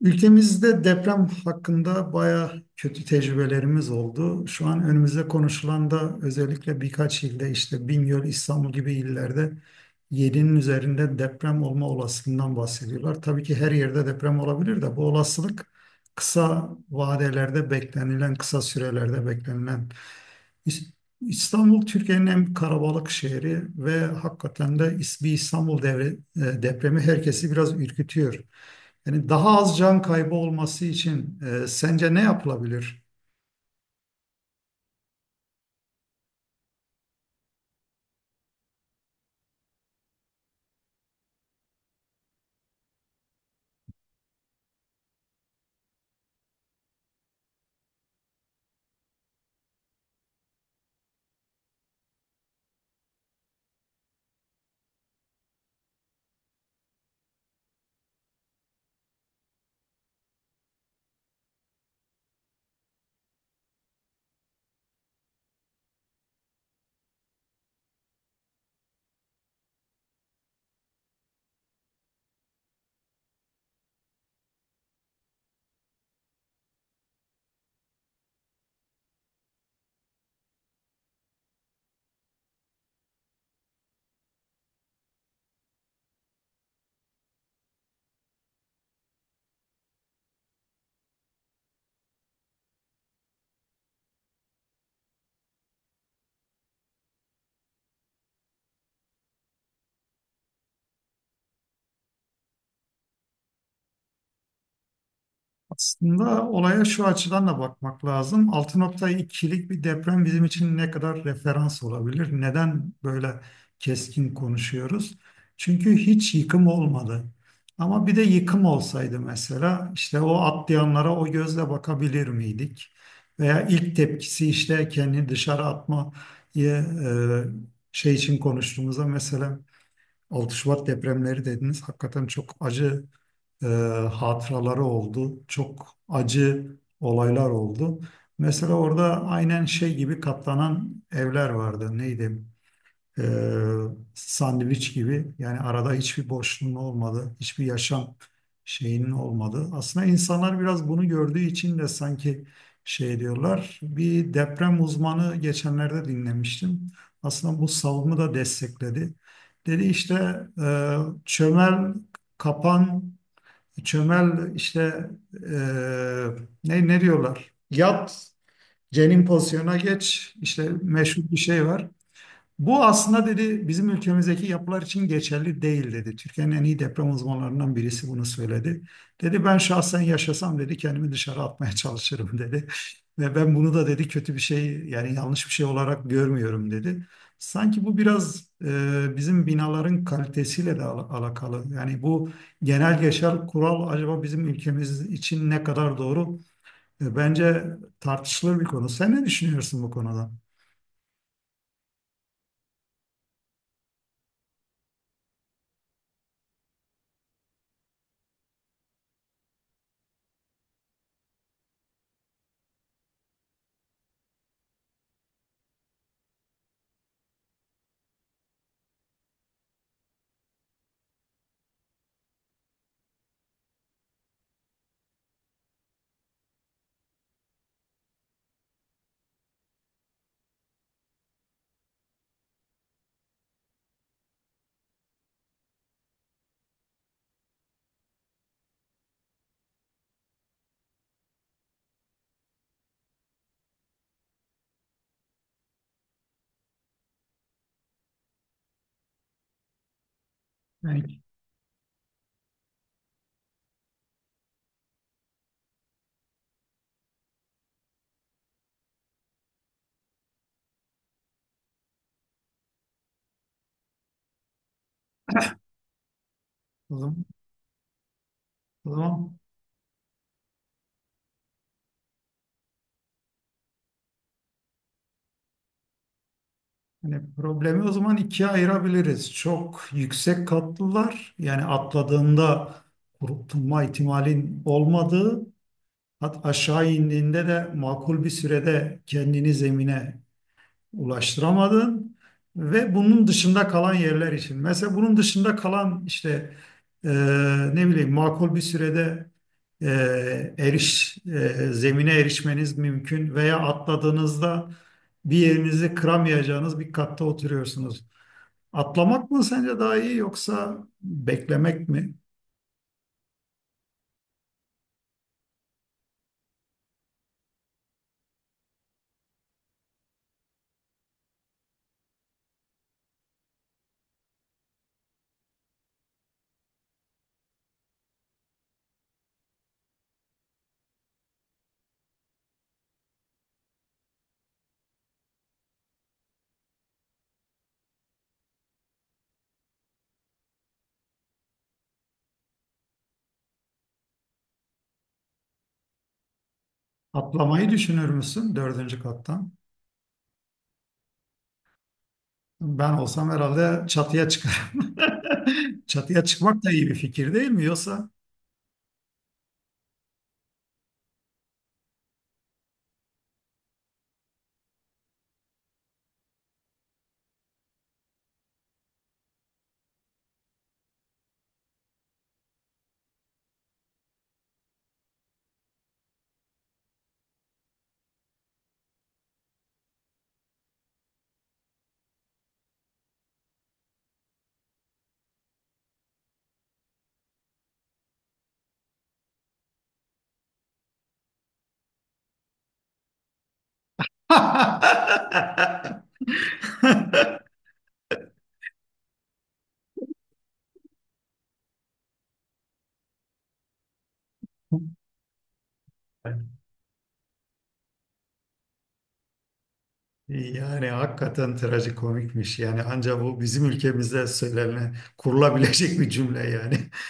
Ülkemizde deprem hakkında bayağı kötü tecrübelerimiz oldu. Şu an önümüzde konuşulan da özellikle birkaç ilde işte Bingöl, İstanbul gibi illerde 7'nin üzerinde deprem olma olasılığından bahsediyorlar. Tabii ki her yerde deprem olabilir de bu olasılık kısa vadelerde beklenilen, kısa sürelerde beklenilen. İs- İstanbul Türkiye'nin en karabalık şehri ve hakikaten de is- bir İstanbul depremi herkesi biraz ürkütüyor. Yani daha az can kaybı olması için sence ne yapılabilir? Aslında olaya şu açıdan da bakmak lazım. 6.2'lik bir deprem bizim için ne kadar referans olabilir? Neden böyle keskin konuşuyoruz? Çünkü hiç yıkım olmadı. Ama bir de yıkım olsaydı mesela işte o atlayanlara o gözle bakabilir miydik? Veya ilk tepkisi işte kendini dışarı atma e, şey için konuştuğumuzda mesela 6 Şubat depremleri dediniz. Hakikaten çok acı e, hatıraları oldu. Çok acı olaylar oldu. Mesela orada aynen şey gibi katlanan evler vardı. Neydi? Ee, sandviç gibi. Yani arada hiçbir boşluğun olmadı, hiçbir yaşam şeyinin olmadı. Aslında insanlar biraz bunu gördüğü için de sanki şey diyorlar. Bir deprem uzmanı geçenlerde dinlemiştim. Aslında bu savunumu da destekledi. Dedi işte e, çömel kapan, çömel işte e, ne diyorlar? Yat, cenin pozisyonuna geç. İşte meşhur bir şey var. Bu aslında dedi bizim ülkemizdeki yapılar için geçerli değil dedi. Türkiye'nin en iyi deprem uzmanlarından birisi bunu söyledi. Dedi ben şahsen yaşasam dedi kendimi dışarı atmaya çalışırım dedi. Ve ben bunu da dedi kötü bir şey yani yanlış bir şey olarak görmüyorum dedi. Sanki bu biraz bizim binaların kalitesiyle de alakalı. Yani bu genel geçer kural acaba bizim ülkemiz için ne kadar doğru? Bence tartışılır bir konu. Sen ne düşünüyorsun bu konuda? Yani o zaman, o zaman, yani problemi o zaman ikiye ayırabiliriz. Çok yüksek katlılar yani atladığında kurtulma ihtimalin olmadığı, hat aşağı indiğinde de makul bir sürede kendini zemine ulaştıramadın ve bunun dışında kalan yerler için. Mesela bunun dışında kalan işte e, ne bileyim makul bir sürede zemine erişmeniz mümkün veya atladığınızda bir yerinizi kıramayacağınız bir katta oturuyorsunuz. Atlamak mı sence daha iyi yoksa beklemek mi? Atlamayı düşünür müsün dördüncü kattan? Ben olsam herhalde çatıya çıkarım. Çatıya çıkmak da iyi bir fikir değil mi yoksa? Yani hakikaten trajikomikmiş. Yani ancak bu bizim ülkemizde söylenen kurulabilecek bir cümle yani.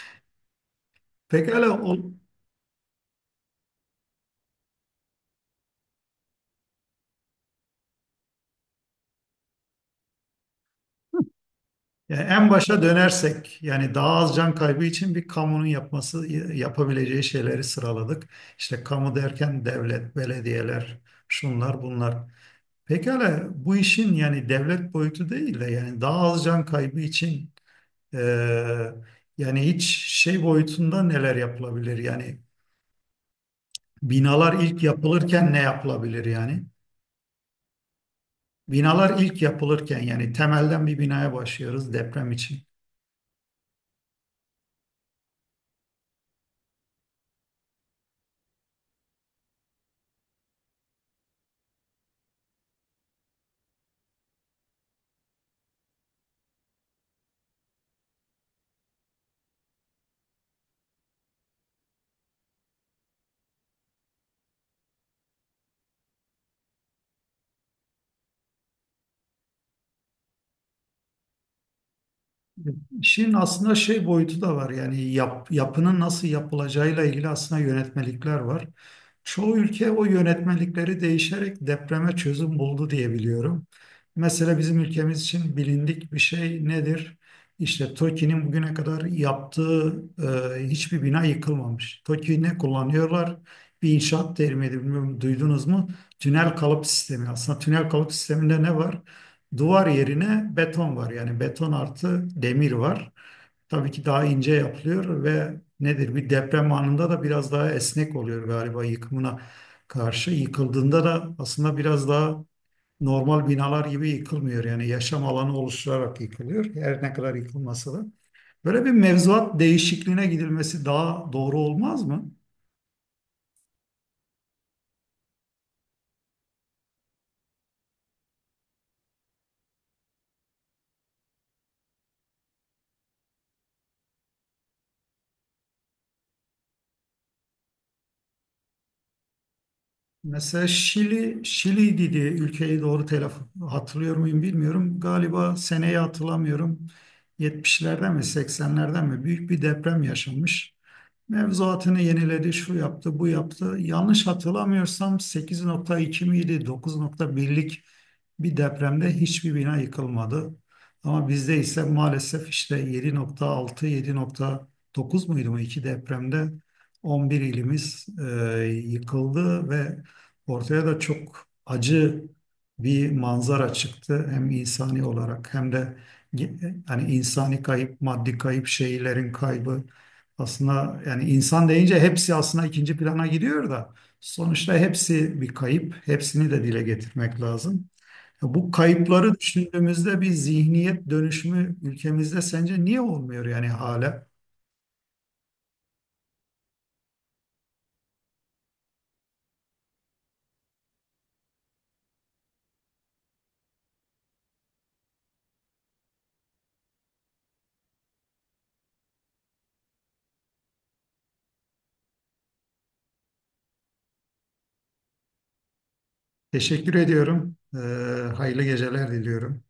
Pekala o, yani en başa dönersek yani daha az can kaybı için bir kamunun yapması yapabileceği şeyleri sıraladık. İşte kamu derken devlet, belediyeler, şunlar bunlar. Pekala bu işin yani devlet boyutu değil de yani daha az can kaybı için Ee, yani hiç şey boyutunda neler yapılabilir? Yani binalar ilk yapılırken ne yapılabilir yani? Binalar ilk yapılırken yani temelden bir binaya başlıyoruz deprem için. İşin aslında şey boyutu da var yani yapının nasıl yapılacağıyla ilgili aslında yönetmelikler var. Çoğu ülke o yönetmelikleri değişerek depreme çözüm buldu diye biliyorum. Mesela bizim ülkemiz için bilindik bir şey nedir? İşte TOKİ'nin bugüne kadar yaptığı hiçbir bina yıkılmamış. TOKİ ne kullanıyorlar? Bir inşaat terimi bilmiyorum duydunuz mu? Tünel kalıp sistemi. Aslında tünel kalıp sisteminde ne var? Duvar yerine beton var. Yani beton artı demir var. Tabii ki daha ince yapılıyor ve nedir bir deprem anında da biraz daha esnek oluyor galiba yıkımına karşı. Yıkıldığında da aslında biraz daha normal binalar gibi yıkılmıyor. Yani yaşam alanı oluşturarak yıkılıyor. Her ne kadar yıkılmasa da. Böyle bir mevzuat değişikliğine gidilmesi daha doğru olmaz mı? Mesela Şili, Şili'ydi diye ülkeyi doğru telaffuz hatırlıyor muyum bilmiyorum. Galiba seneyi hatırlamıyorum. 70'lerden mi 80'lerden mi büyük bir deprem yaşanmış. Mevzuatını yeniledi, şu yaptı, bu yaptı. Yanlış hatırlamıyorsam 8.2 miydi, 9.1'lik bir depremde hiçbir bina yıkılmadı. Ama bizde ise maalesef işte 7.6, 7.9 muydu mu iki depremde 11 ilimiz yıkıldı ve ortaya da çok acı bir manzara çıktı. Hem insani olarak hem de hani insani kayıp, maddi kayıp, şehirlerin kaybı. Aslında yani insan deyince hepsi aslında ikinci plana gidiyor da sonuçta hepsi bir kayıp. Hepsini de dile getirmek lazım. Ya bu kayıpları düşündüğümüzde bir zihniyet dönüşümü ülkemizde sence niye olmuyor yani hala? Teşekkür ediyorum. Hayırlı geceler diliyorum.